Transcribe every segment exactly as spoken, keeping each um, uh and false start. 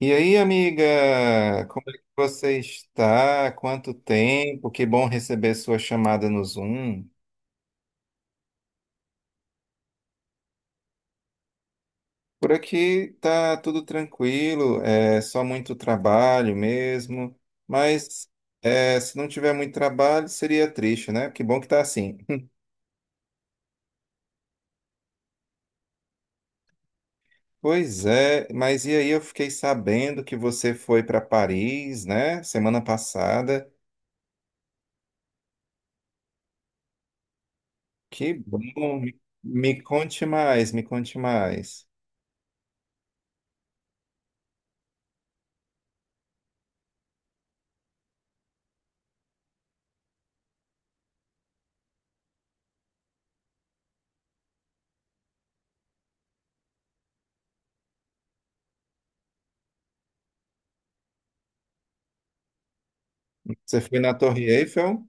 E aí, amiga, como é que você está? Quanto tempo? Que bom receber sua chamada no Zoom. Por aqui tá tudo tranquilo, é só muito trabalho mesmo. Mas é, se não tiver muito trabalho, seria triste, né? Que bom que tá assim. Pois é, mas e aí eu fiquei sabendo que você foi para Paris, né? Semana passada. Que bom. Me me conte mais, me conte mais. Você foi na Torre Eiffel?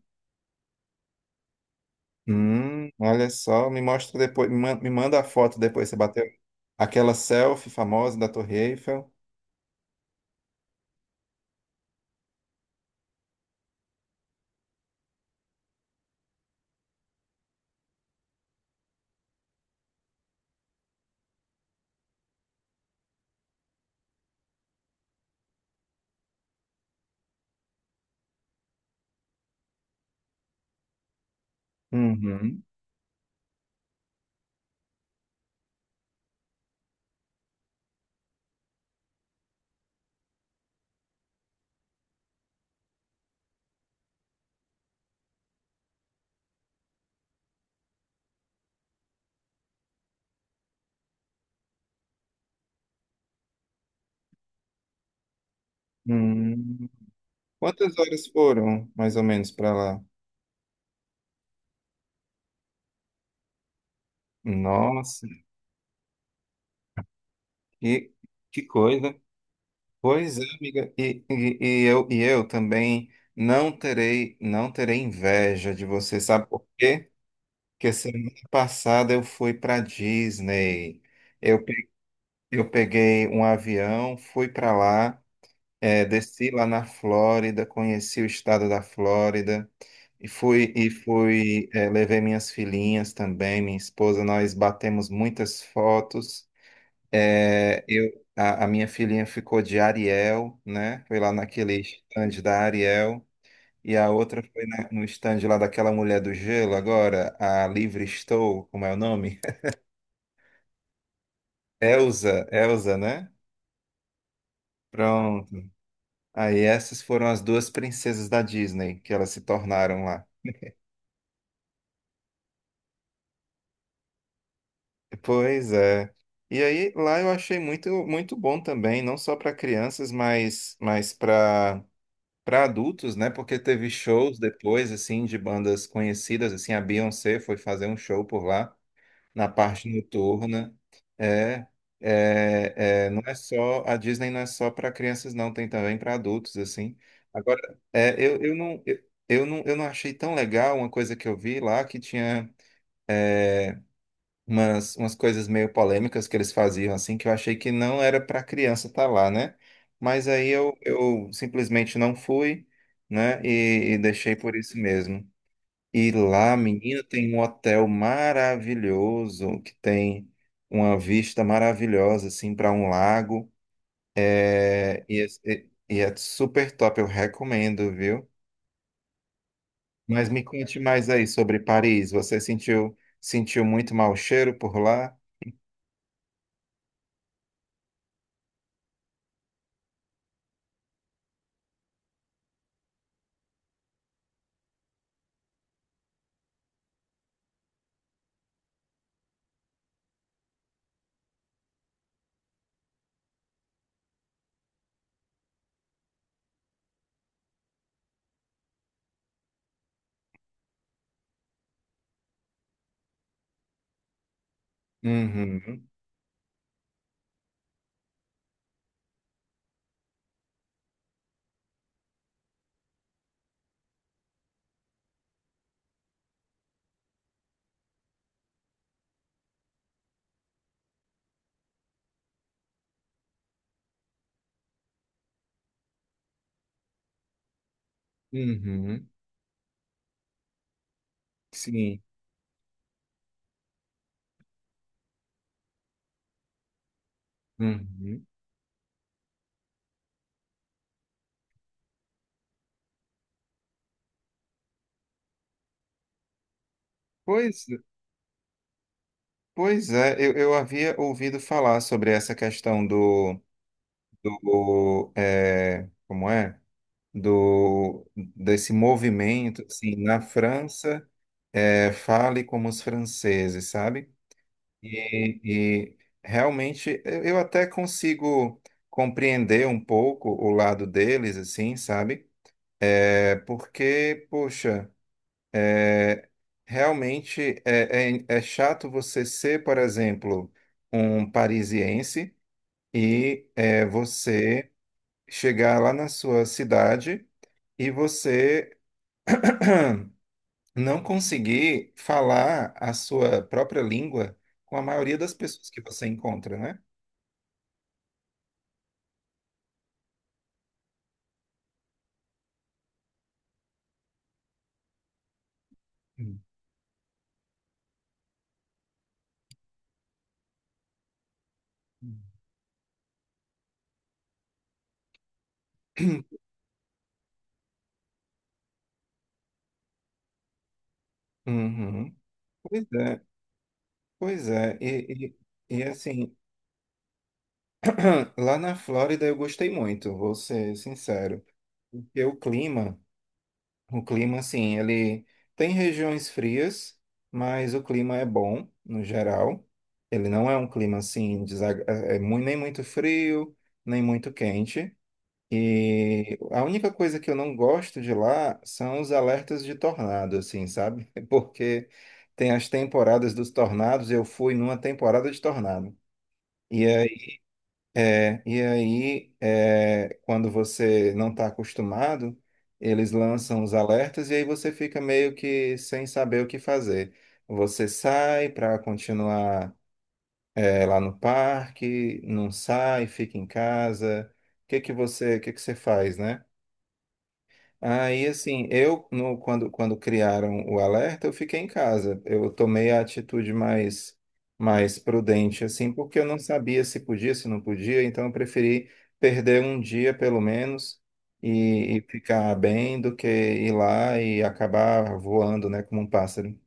Hum, olha só, me mostra depois, me man- me manda a foto depois, você bateu aquela selfie famosa da Torre Eiffel. Uhum. Hum. Quantas horas foram, mais ou menos, para lá? Nossa, que, que coisa. Pois é, amiga, e, e, e eu, e eu também não terei, não terei inveja de você, sabe por quê? Porque semana passada eu fui para Disney. Eu, pe- eu peguei um avião, fui para lá. É, desci lá na Flórida, conheci o estado da Flórida e fui e fui é, levei minhas filhinhas também, minha esposa, nós batemos muitas fotos. É, eu a, a minha filhinha ficou de Ariel, né? Foi lá naquele stand da Ariel e a outra foi na- no stand lá daquela mulher do gelo agora, a Livre Estou, como é o nome? Elsa, Elsa, né? Pronto. Aí essas foram as duas princesas da Disney que elas se tornaram lá. Pois é. E aí lá eu achei muito muito bom também, não só para crianças, mas mas para para adultos, né? Porque teve shows depois assim de bandas conhecidas, assim a Beyoncé foi fazer um show por lá na parte noturna. É, é, é, não é só a Disney não é só para crianças não, tem também para adultos assim. Agora, é, eu, eu não eu, eu não eu não achei tão legal uma coisa que eu vi lá que tinha umas, umas coisas meio polêmicas que eles faziam, assim, que eu achei que não era para criança estar lá, né? Mas aí eu, eu simplesmente não fui, né? E, e deixei por isso mesmo. E lá, menina, tem um hotel maravilhoso, que tem uma vista maravilhosa, assim, para um lago. É, e, é- e é super top, eu recomendo, viu? Mas me conte mais aí sobre Paris. Você sentiu, sentiu muito mau cheiro por lá? Uhum. Uhum. Sim. Uhum. Pois, pois é, eu, eu havia ouvido falar sobre essa questão do, do é, como é? Do, desse movimento, assim, na França, é, fale como os franceses, sabe? E, e realmente eu eu até consigo compreender um pouco o lado deles, assim, sabe? É porque, poxa. É, Realmente é, é, é chato você ser, por exemplo, um parisiense e é, você chegar lá na sua cidade e você não conseguir falar a sua própria língua com a maioria das pessoas que você encontra, né? Hum. Uhum. Pois é, pois é. E, e, e assim, lá na Flórida eu gostei muito, vou ser sincero, porque o clima. O clima, assim, ele tem regiões frias, mas o clima é bom, no geral. Ele não é um clima, assim, desagra- é é nem muito frio, nem muito quente. E a única coisa que eu não gosto de lá são os alertas de tornado, assim, sabe? Porque tem as temporadas dos tornados, eu fui numa temporada de tornado. E é, e aí, é, quando você não está acostumado, eles lançam os alertas e aí você fica meio que sem saber o que fazer. Você sai para continuar, é, lá no parque, não sai, fica em casa. O que que você, o que que você faz, né? Aí, assim, eu, no, quando, quando criaram o alerta, eu fiquei em casa. Eu tomei a atitude mais, mais prudente, assim, porque eu não sabia se podia, se não podia, então eu preferi perder um dia, pelo menos, e, e ficar bem, do que ir lá e acabar voando, né, como um pássaro.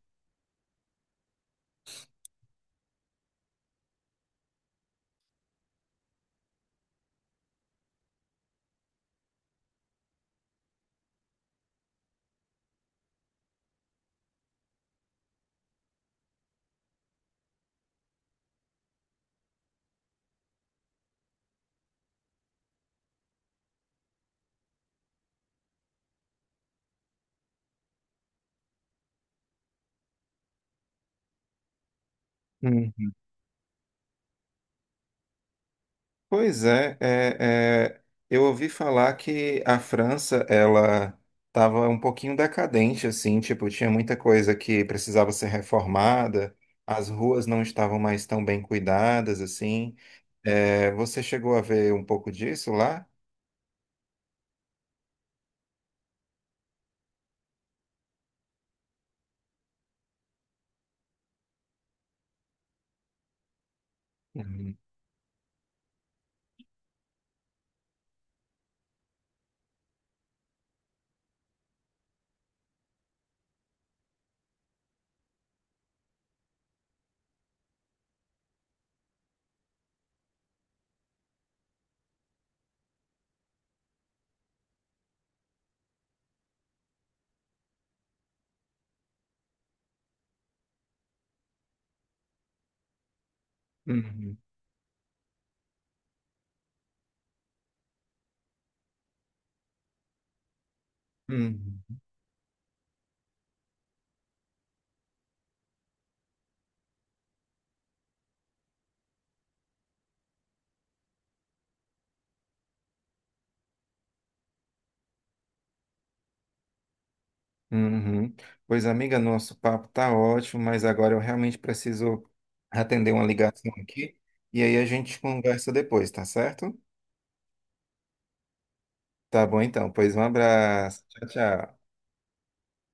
Pois é, é, é, eu ouvi falar que a França, ela estava um pouquinho decadente, assim, tipo, tinha muita coisa que precisava ser reformada, as ruas não estavam mais tão bem cuidadas, assim. É, você chegou a ver um pouco disso lá? Uhum, uhum, uhum, uhum. Pois, amiga, nosso papo tá ótimo, mas agora eu realmente preciso atender uma ligação aqui, e aí a gente conversa depois, tá certo? Tá bom então, pois um abraço. Tchau, tchau.